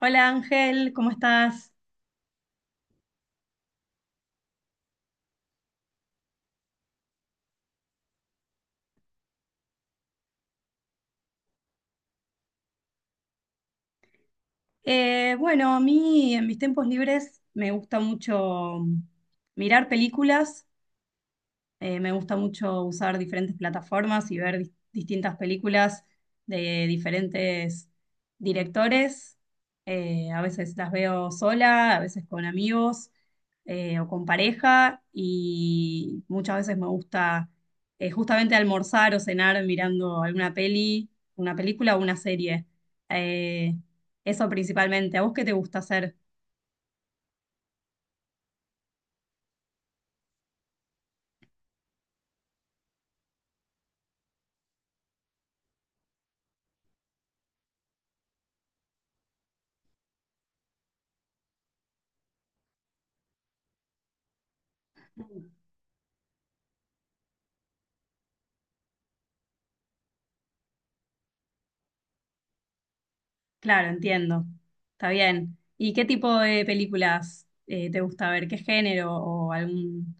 Hola Ángel, ¿cómo estás? Bueno, a mí en mis tiempos libres me gusta mucho mirar películas. Me gusta mucho usar diferentes plataformas y ver distintas películas de diferentes directores. A veces las veo sola, a veces con amigos, o con pareja, y muchas veces me gusta justamente almorzar o cenar mirando alguna peli, una película o una serie. Eh, eso principalmente. ¿A vos qué te gusta hacer? Claro, entiendo. Está bien. ¿Y qué tipo de películas, te gusta ver? ¿Qué género o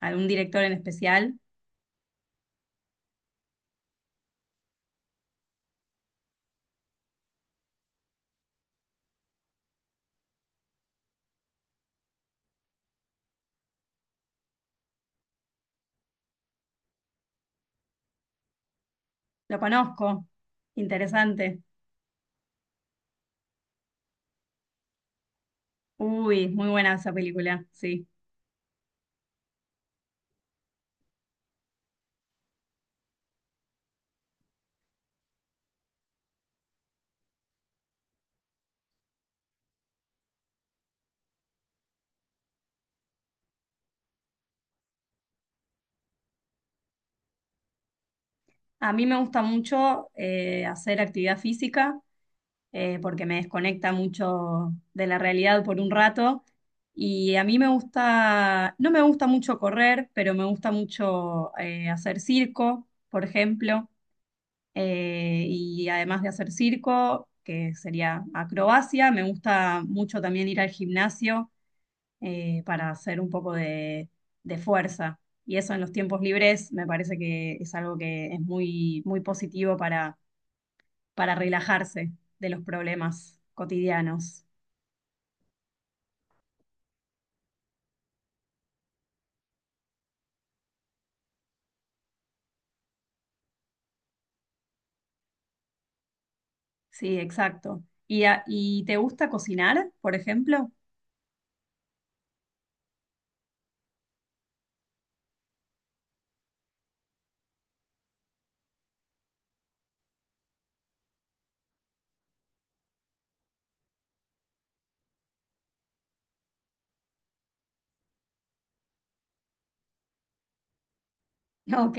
algún director en especial? Lo conozco. Interesante. Uy, muy buena esa película, sí. A mí me gusta mucho hacer actividad física, porque me desconecta mucho de la realidad por un rato. Y a mí me gusta, no me gusta mucho correr, pero me gusta mucho hacer circo, por ejemplo. Y además de hacer circo, que sería acrobacia, me gusta mucho también ir al gimnasio para hacer un poco de fuerza. Y eso en los tiempos libres me parece que es algo que es muy, muy positivo para relajarse de los problemas cotidianos. Sí, exacto. ¿Y, y te gusta cocinar, por ejemplo? Ok.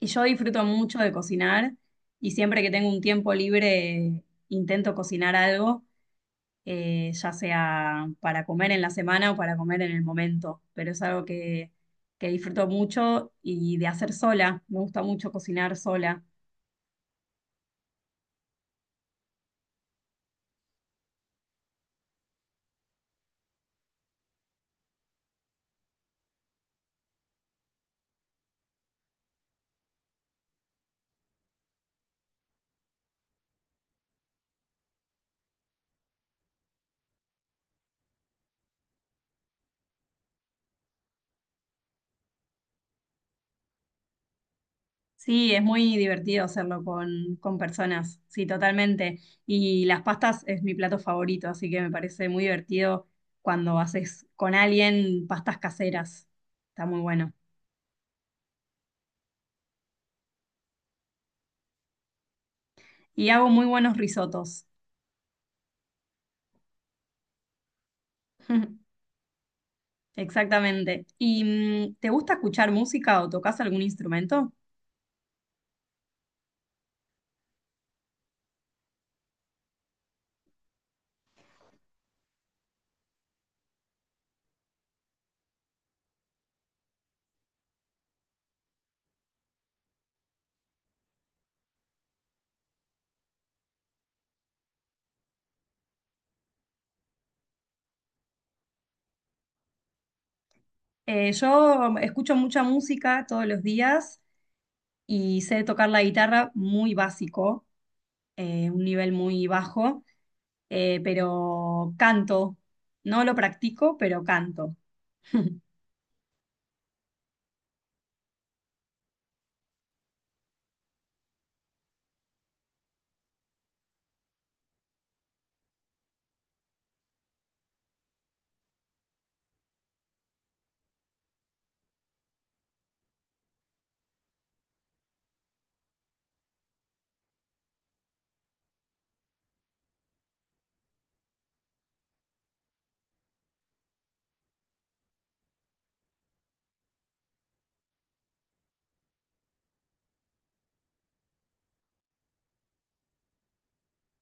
Y yo disfruto mucho de cocinar, y siempre que tengo un tiempo libre intento cocinar algo, ya sea para comer en la semana o para comer en el momento, pero es algo que disfruto mucho, y de hacer sola, me gusta mucho cocinar sola. Sí, es muy divertido hacerlo con personas, sí, totalmente. Y las pastas es mi plato favorito, así que me parece muy divertido cuando haces con alguien pastas caseras, está muy bueno. Y hago muy buenos risotos. Exactamente. ¿Y te gusta escuchar música o tocas algún instrumento? Yo escucho mucha música todos los días y sé tocar la guitarra muy básico, un nivel muy bajo, pero canto. No lo practico, pero canto.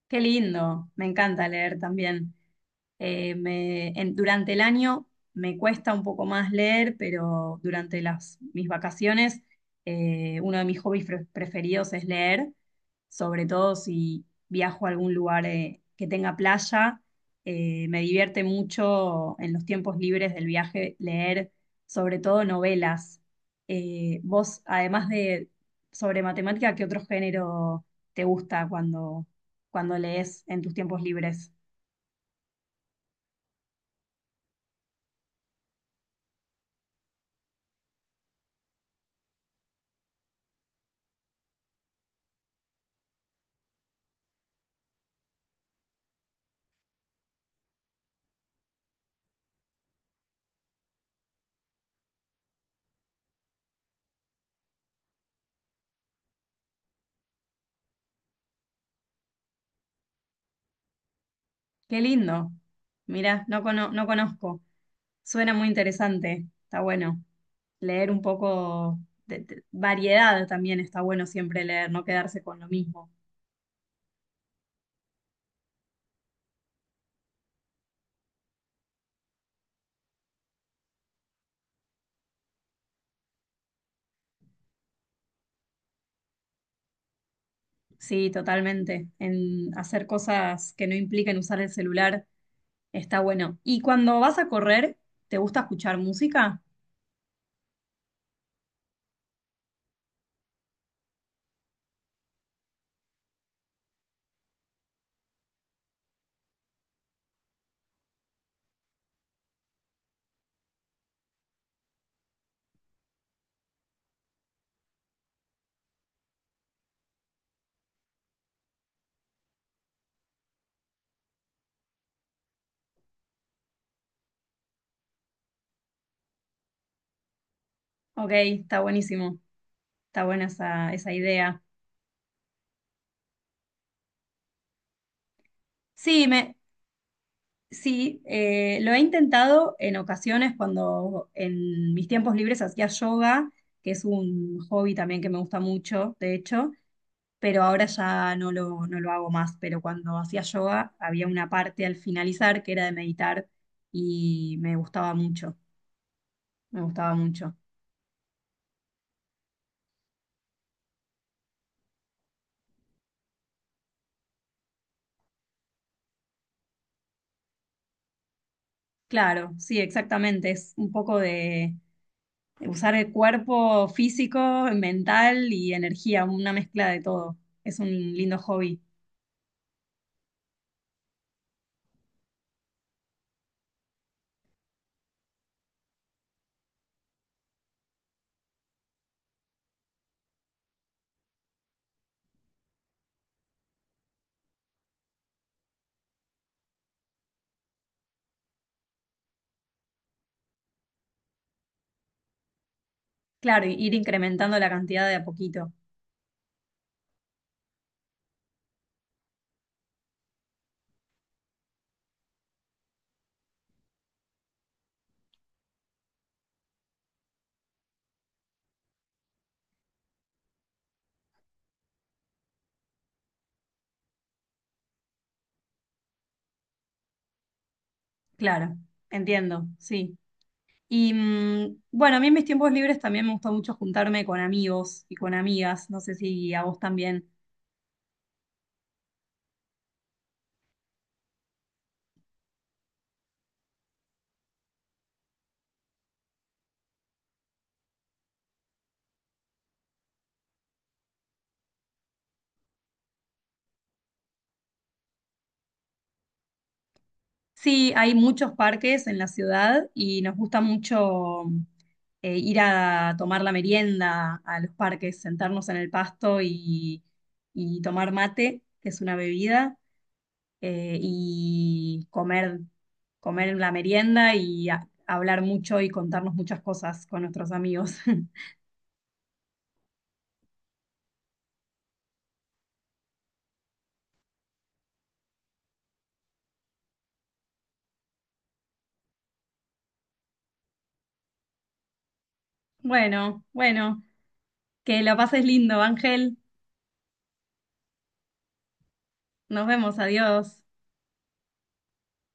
Qué lindo, me encanta leer también. Durante el año me cuesta un poco más leer, pero durante las, mis vacaciones, uno de mis hobbies preferidos es leer, sobre todo si viajo a algún lugar que tenga playa. Me divierte mucho en los tiempos libres del viaje leer, sobre todo novelas. Vos, además de sobre matemática, ¿qué otro género te gusta cuando, cuando lees en tus tiempos libres? Qué lindo. Mirá, no, no conozco. Suena muy interesante. Está bueno. Leer un poco de, variedad también está bueno, siempre leer, no quedarse con lo mismo. Sí, totalmente. En hacer cosas que no impliquen usar el celular está bueno. ¿Y cuando vas a correr, te gusta escuchar música? Ok, está buenísimo. Está buena esa, esa idea. Sí, me, sí, lo he intentado en ocasiones cuando en mis tiempos libres hacía yoga, que es un hobby también que me gusta mucho, de hecho, pero ahora ya no lo, no lo hago más. Pero cuando hacía yoga había una parte al finalizar que era de meditar, y me gustaba mucho, me gustaba mucho. Claro, sí, exactamente, es un poco de usar el cuerpo físico, mental y energía, una mezcla de todo. Es un lindo hobby. Claro, y ir incrementando la cantidad de a poquito. Claro, entiendo, sí. Y a mí en mis tiempos libres también me gusta mucho juntarme con amigos y con amigas, no sé si a vos también. Sí, hay muchos parques en la ciudad y nos gusta mucho ir a tomar la merienda a los parques, sentarnos en el pasto y tomar mate, que es una bebida. Y comer, comer en la merienda y hablar mucho y contarnos muchas cosas con nuestros amigos. Bueno, que lo pases lindo, Ángel. Nos vemos, adiós.